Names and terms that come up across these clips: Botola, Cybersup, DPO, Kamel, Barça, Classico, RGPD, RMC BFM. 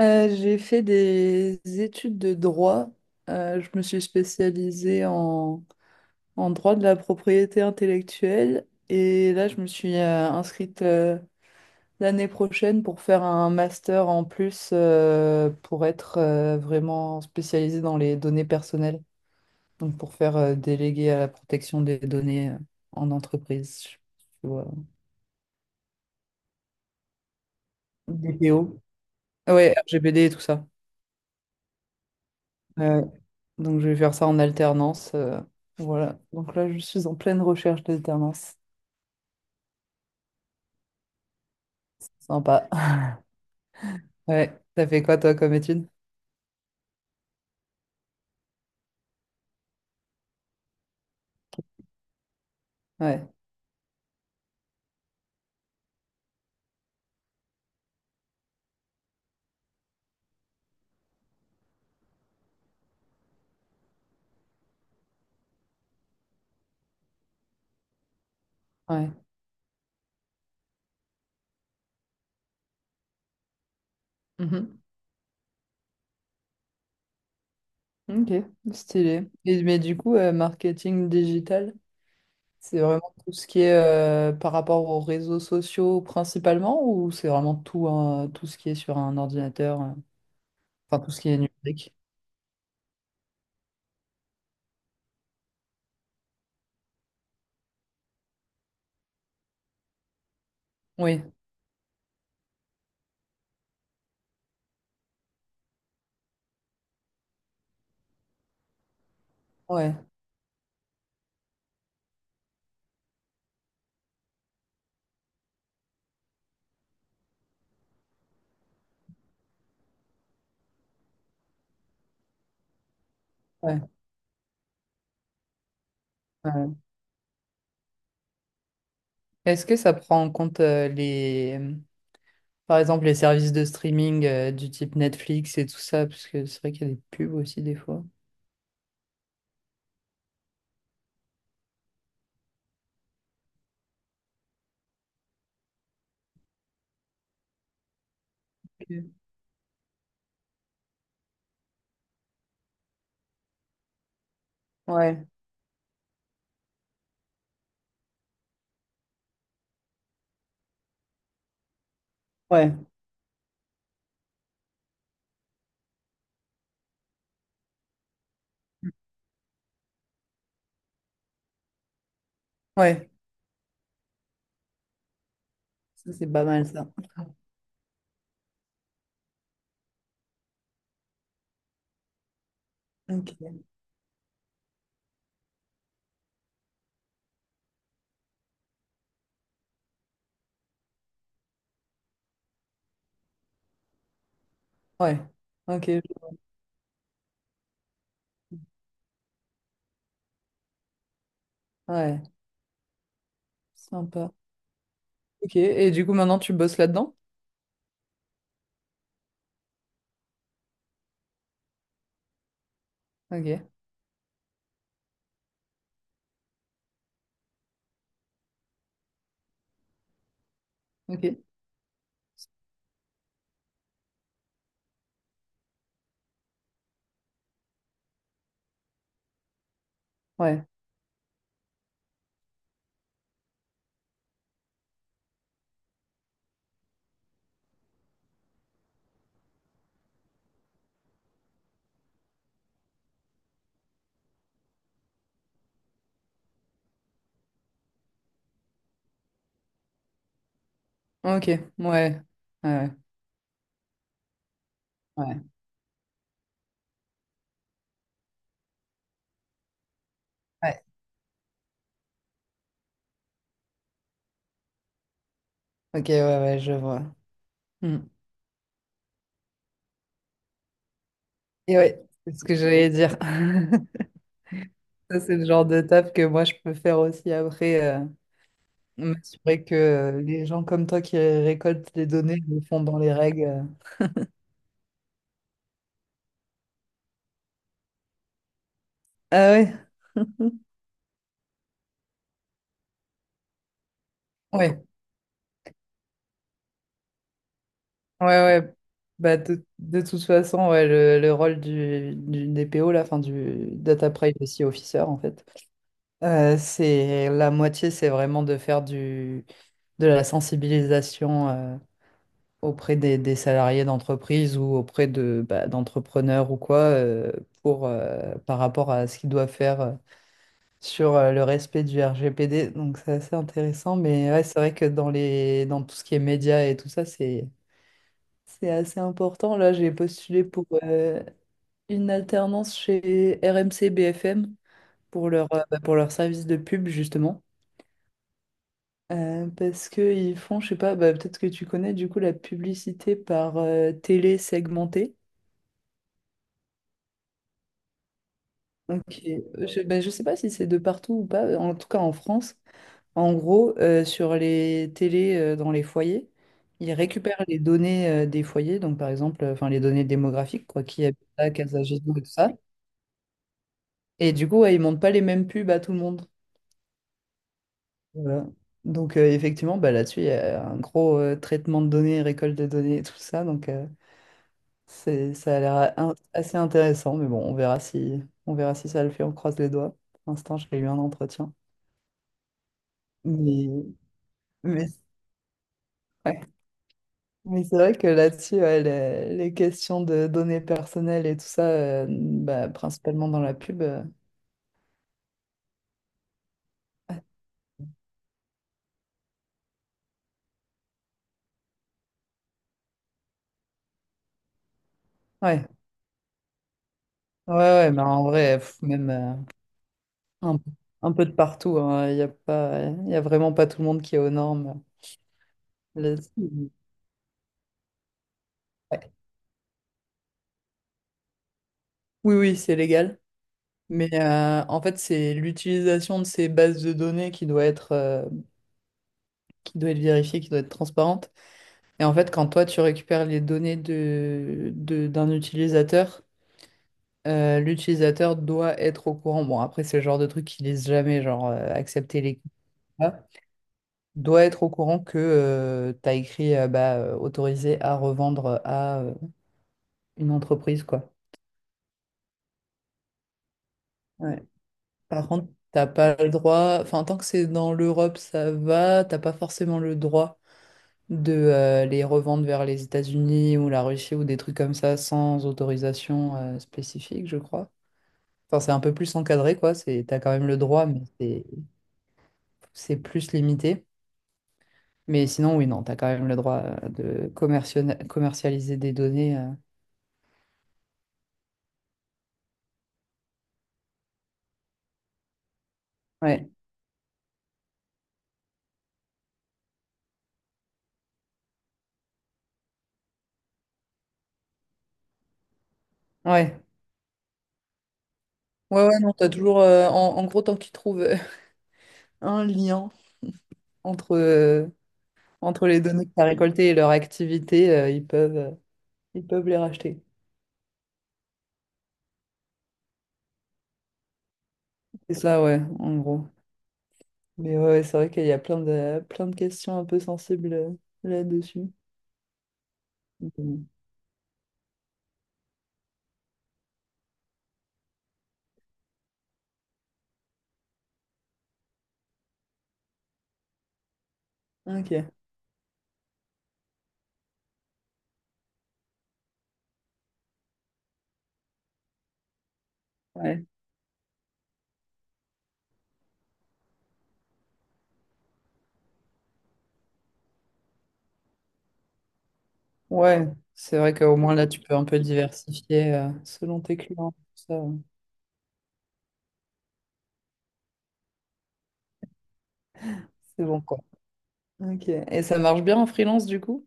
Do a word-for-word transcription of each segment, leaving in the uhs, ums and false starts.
Euh, j'ai fait des études de droit. Euh, je me suis spécialisée en, en droit de la propriété intellectuelle et là, je me suis euh, inscrite euh, l'année prochaine pour faire un master en plus euh, pour être euh, vraiment spécialisée dans les données personnelles, donc pour faire euh, délégué à la protection des données euh, en entreprise, tu vois, D P O. Ouais, R G P D et tout ça. Donc, je vais faire ça en alternance. Euh, voilà. Donc là, je suis en pleine recherche d'alternance. Sympa. Ouais. T'as fait quoi, toi, comme étude? Ouais. Ouais. Mhm. Ok. Stylé. Et, mais du coup, euh, marketing digital, c'est vraiment tout ce qui est euh, par rapport aux réseaux sociaux principalement ou c'est vraiment tout, hein, tout ce qui est sur un ordinateur, euh, enfin tout ce qui est numérique? Oui. Ouais. Ouais. Ouais. Est-ce que ça prend en compte euh, les, par exemple, les services de streaming euh, du type Netflix et tout ça, parce que c'est vrai qu'il y a des pubs aussi des fois. Ok. Ouais, ouais, ouais. Ça, c'est pas mal ça. Ok. Ouais, ok, ouais. Sympa. Ok, et du coup, maintenant, tu bosses là-dedans? Ok, ok. Ouais, ok, ouais. Ouais, ouais. Ouais. Ouais. Ok, ouais, ouais, je vois. Hmm. Et ouais, c'est ce que j'allais dire. Ça, c'est le genre de taf que moi, je peux faire aussi après. euh, Mais c'est vrai que euh, les gens comme toi qui récoltent les données le font dans les règles. Euh. Ah ouais, ouais, ouais, ouais. Bah, de, de toute façon, ouais, le, le rôle du, du D P O, là, enfin, du Data Privacy Officer, en fait, euh, c'est la moitié, c'est vraiment de faire du, de la sensibilisation euh, auprès des, des salariés d'entreprise ou auprès de, bah, d'entrepreneurs ou quoi, euh, pour, euh, par rapport à ce qu'ils doivent faire. Euh, sur euh, le respect du R G P D, donc c'est assez intéressant. Mais ouais, c'est vrai que dans les, dans tout ce qui est médias et tout ça, c'est c'est assez important. Là, j'ai postulé pour euh, une alternance chez R M C B F M pour leur, euh, bah, pour leur service de pub, justement. Euh, parce qu'ils font, je sais pas, bah, peut-être que tu connais du coup la publicité par euh, télé segmentée. Donc, et- je, bah, je sais pas si c'est de partout ou pas, en tout cas en France. En gros, euh, sur les télés euh, dans les foyers, ils récupèrent les données euh, des foyers, donc par exemple, euh, enfin les données démographiques, quoi, qui habite là, quels âges ils ont et tout ça. Et du coup, ouais, ils montent pas les mêmes pubs à tout le monde. Voilà. Donc euh, effectivement, bah, là-dessus, il y a un gros euh, traitement de données, récolte de données et tout ça. Donc euh, c'est, ça a l'air in- assez intéressant, mais bon, on verra si, on verra si ça le fait, on croise les doigts. Pour l'instant, j'ai eu un entretien. Mais, mais... ouais. Mais c'est vrai que là-dessus, ouais, les, les questions de données personnelles et tout ça, euh, bah, principalement dans la pub, euh, ouais. Ouais, ouais, mais en vrai, pff, même euh, un, un peu de partout, hein, il y a pas, il y a vraiment pas tout le monde qui est aux normes. Euh, là-dessus. Ouais. Oui, oui, c'est légal. Mais euh, en fait, c'est l'utilisation de ces bases de données qui doit être, euh, qui doit être vérifiée, qui doit être transparente. Et en fait, quand toi, tu récupères les données de, de- d'un utilisateur, Euh, l'utilisateur doit être au courant. Bon, après, c'est le genre de truc qu'ils lisent jamais, genre euh, accepter les contrats. Doit être au courant que tu as écrit euh, bah, euh, autorisé à revendre à euh, une entreprise, quoi. Ouais. Par contre, t'as pas le droit. Enfin, tant que c'est dans l'Europe, ça va. T'as pas forcément le droit de euh, les revendre vers les États-Unis ou la Russie ou des trucs comme ça sans autorisation euh, spécifique, je crois. Enfin, c'est un peu plus encadré, quoi. C'est, t'as quand même le droit, mais c'est c'est plus limité. Mais sinon, oui, non, tu as quand même le droit euh, de commerciona- commercialiser des données. Euh. Ouais, ouais, ouais, ouais, non, t'as toujours, euh, en, en gros, tant qu'ils trouvent euh, un lien entre, euh, entre les données que tu as récoltées et leur activité, euh, ils peuvent, euh, ils peuvent les racheter. C'est ça, ouais, en gros. Mais ouais, ouais, c'est vrai qu'il y a plein de, plein de questions un peu sensibles euh, là-dessus. Donc, euh, ok, ouais. Ouais, c'est vrai qu'au moins là, tu peux un peu diversifier euh, selon tes clients. Ça, c'est bon, quoi. Ok. Et ça marche bien en freelance du coup?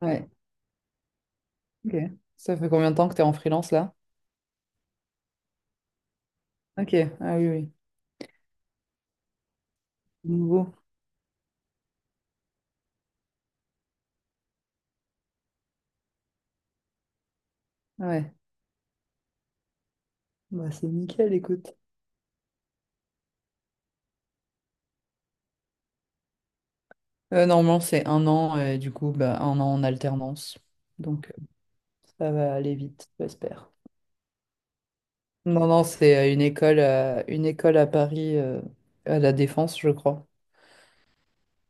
Ouais. Ok. Ça fait combien de temps que tu es en freelance là? Ok. Ah oui, oui. Nouveau. Ouais. Bah, c'est nickel, écoute. Euh, normalement, c'est un an et du coup, bah, un an en alternance. Donc, euh, ça va aller vite, j'espère. Non, non, c'est euh, une école, euh, une école à Paris, euh, à la Défense, je crois.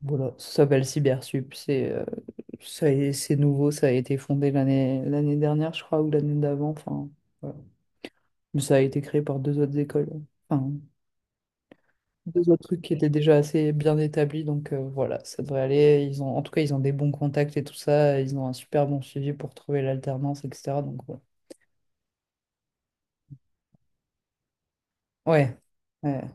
Voilà, ça s'appelle Cybersup. C'est euh, ça, a- c'est nouveau, ça a été fondé l'année l'année dernière, je crois, ou l'année d'avant. Enfin, voilà. Mais ça a été créé par deux autres écoles. Enfin, deux autres trucs qui étaient déjà assez bien établis. Donc euh, voilà, ça devrait aller. Ils ont, en tout cas, ils ont des bons contacts et tout ça. Ils ont un super bon suivi pour trouver l'alternance, et cetera. Donc ouais. Ouais. Ouais.